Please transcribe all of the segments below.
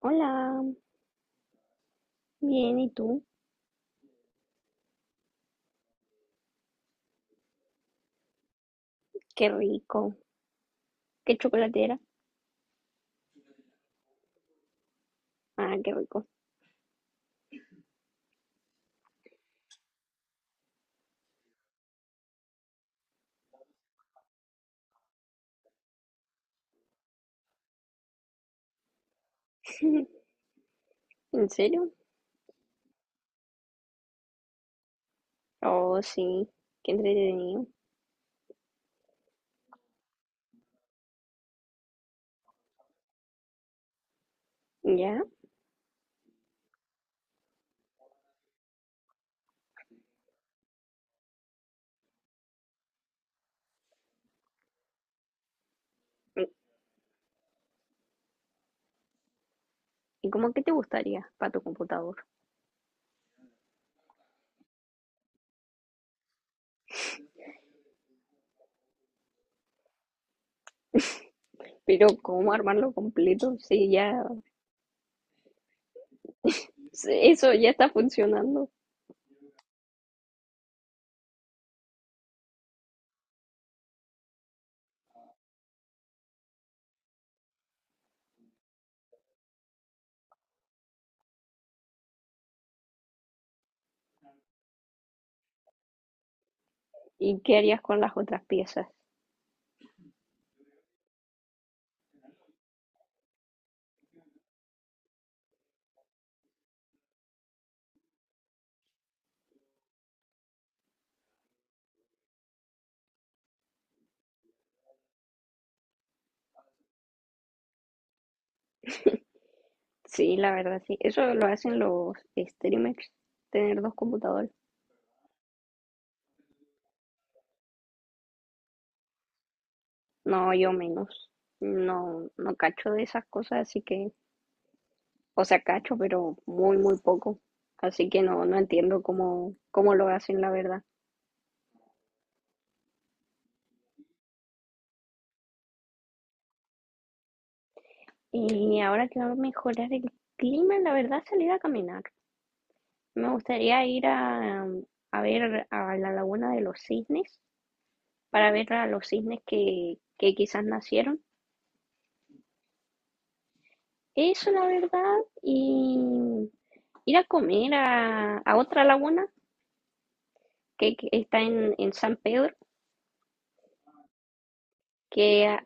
Hola, bien, ¿y tú? Qué rico. ¿Qué chocolatera? Ah, qué rico. ¿En serio? Oh, sí, qué entretenido. ¿Ya? ¿Y cómo qué te gustaría para tu computador? Pero ¿cómo armarlo completo? Sí, ya, sí, eso ya está funcionando. ¿Y qué harías con las otras piezas? Sí, la verdad, sí. Eso lo hacen los streamers, tener dos computadores. No, yo menos. No, no cacho de esas cosas, así que o sea, cacho, pero muy, muy poco. Así que no, no entiendo cómo, cómo lo hacen, la verdad. Y ahora que va a mejorar el clima, la verdad, salir a caminar. Me gustaría ir a ver a la laguna de los cisnes, para ver a los cisnes que quizás nacieron. Eso, la verdad. Y ir a comer a otra laguna que está en San Pedro, que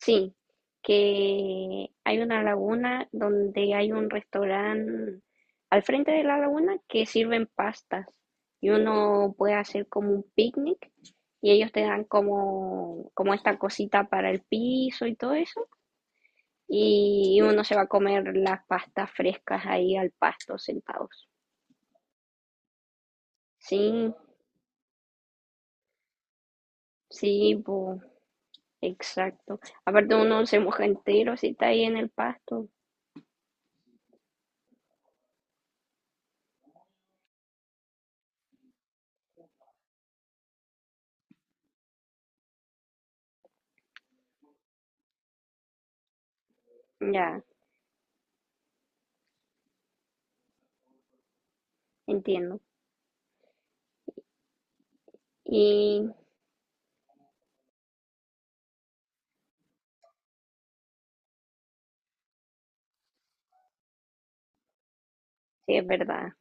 sí, que hay una laguna donde hay un restaurante al frente de la laguna que sirven pastas y uno puede hacer como un picnic y ellos te dan como, como esta cosita para el piso y todo eso y uno se va a comer las pastas frescas ahí al pasto sentados. Sí, sí, po, exacto. Aparte uno se moja entero si está ahí en el pasto. Ya, entiendo. Y sí, es verdad.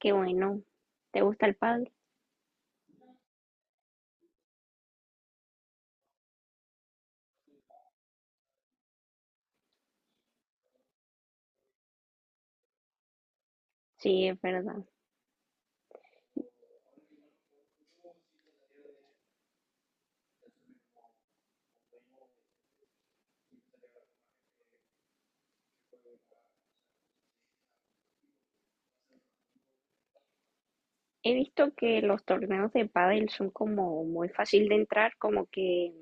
Qué bueno. ¿Te gusta el pádel? Sí, es verdad. He visto que los torneos de pádel son como muy fácil de entrar,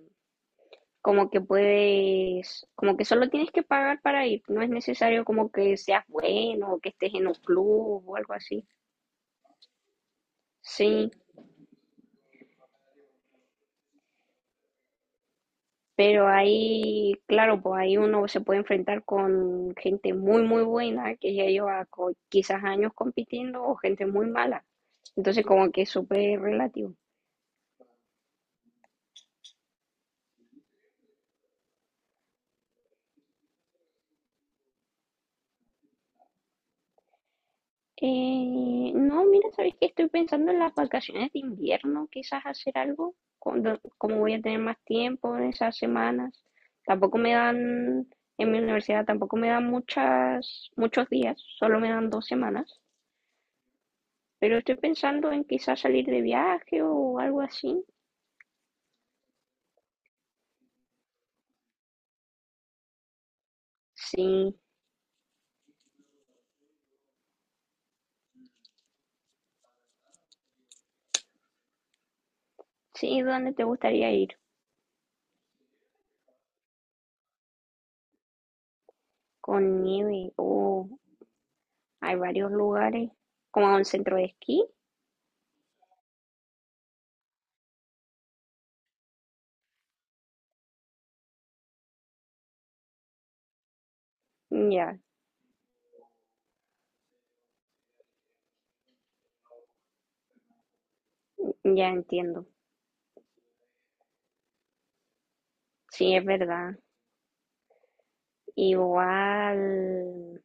como que puedes, como que solo tienes que pagar para ir. No es necesario como que seas bueno o que estés en un club o algo así. Sí, pero ahí, claro, pues ahí uno se puede enfrentar con gente muy, muy buena que ya lleva co- quizás años compitiendo o gente muy mala. Entonces como que es súper relativo. No, mira, sabes que estoy pensando en las vacaciones de invierno, quizás hacer algo, cuando- como voy a tener más tiempo en esas semanas. Tampoco me dan, en mi universidad tampoco me dan muchas, muchos días, solo me dan dos semanas. Pero estoy pensando en quizás salir de viaje o algo así. Sí, sí, ¿dónde te gustaría ir? Con nieve, o hay varios lugares, como a un centro de esquí. Ya, ya entiendo. Sí, es verdad. Igual,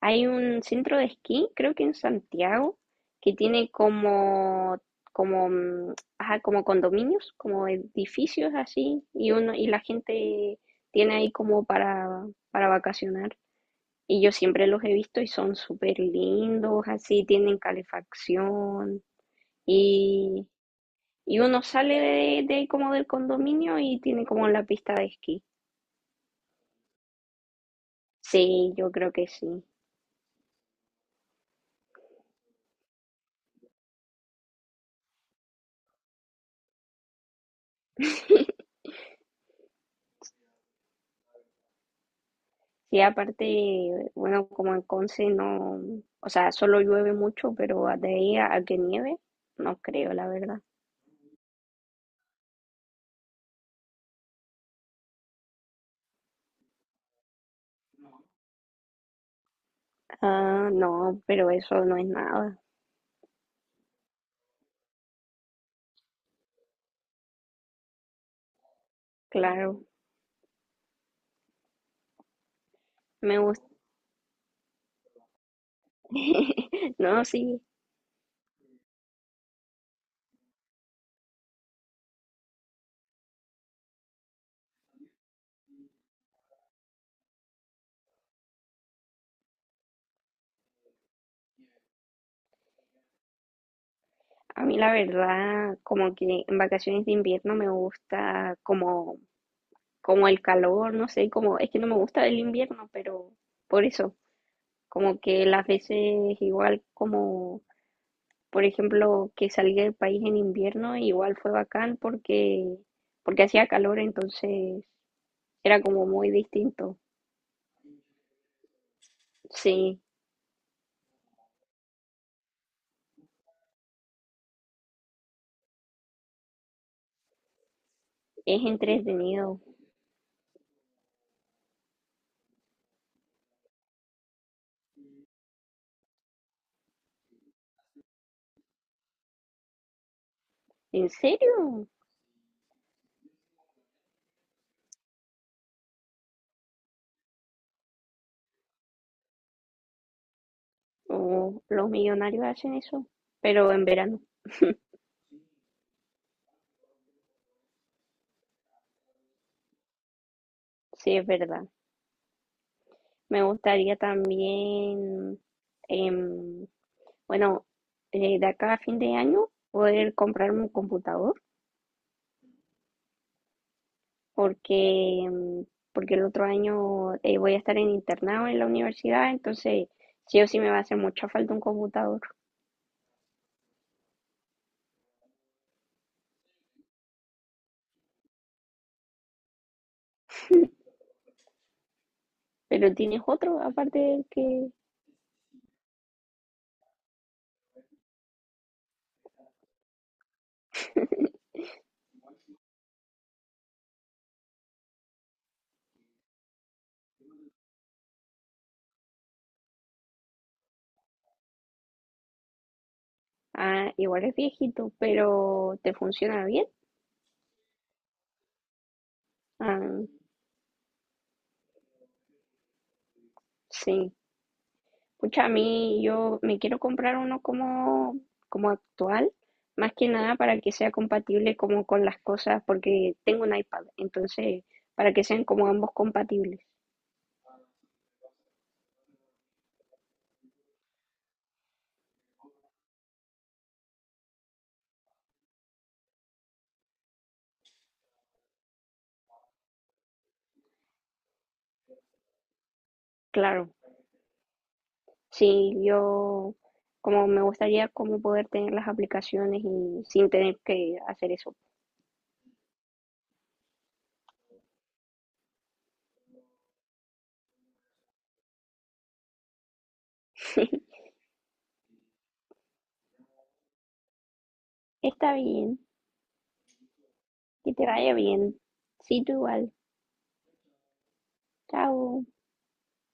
hay un centro de esquí, creo que en Santiago, que tiene como, como, mm, ajá, como condominios, como edificios así, y uno, y la gente tiene ahí como para vacacionar. Y yo siempre los he visto y son súper lindos, así, tienen calefacción. Y, y uno sale de como del condominio y tiene como la pista de esquí. Sí, yo creo que sí. Sí, aparte, bueno, como en Conce no, o sea, solo llueve mucho, pero de ahí a que nieve, no creo, la verdad. Ah, no, pero eso no es nada, claro, me gusta. No, sí, a mí la verdad, como que en vacaciones de invierno me gusta como, como el calor, no sé, como, es que no me gusta el invierno, pero por eso, como que las veces igual como por ejemplo, que salí del país en invierno, igual fue bacán porque, porque hacía calor, entonces era como muy distinto. Sí, es entretenido. ¿En serio? Oh, los millonarios hacen eso, pero en verano, sí, es verdad. Me gustaría también, em, bueno, de acá a fin de año poder comprarme un computador. Porque, mm, porque el otro año voy a estar en internado en la universidad, entonces sí o sí me va a hacer mucha falta un computador. Pero tienes otro, aparte del que, ah, igual es viejito, pero te funciona bien. Ah, sí. Pucha, a mí yo me quiero comprar uno como, como actual, más que nada para que sea compatible como con las cosas, porque tengo un iPad, entonces para que sean como ambos compatibles. Claro. Sí, yo como me gustaría como poder tener las aplicaciones y sin tener que hacer eso. Está bien, que te vaya bien. Sí, tú igual. Chao.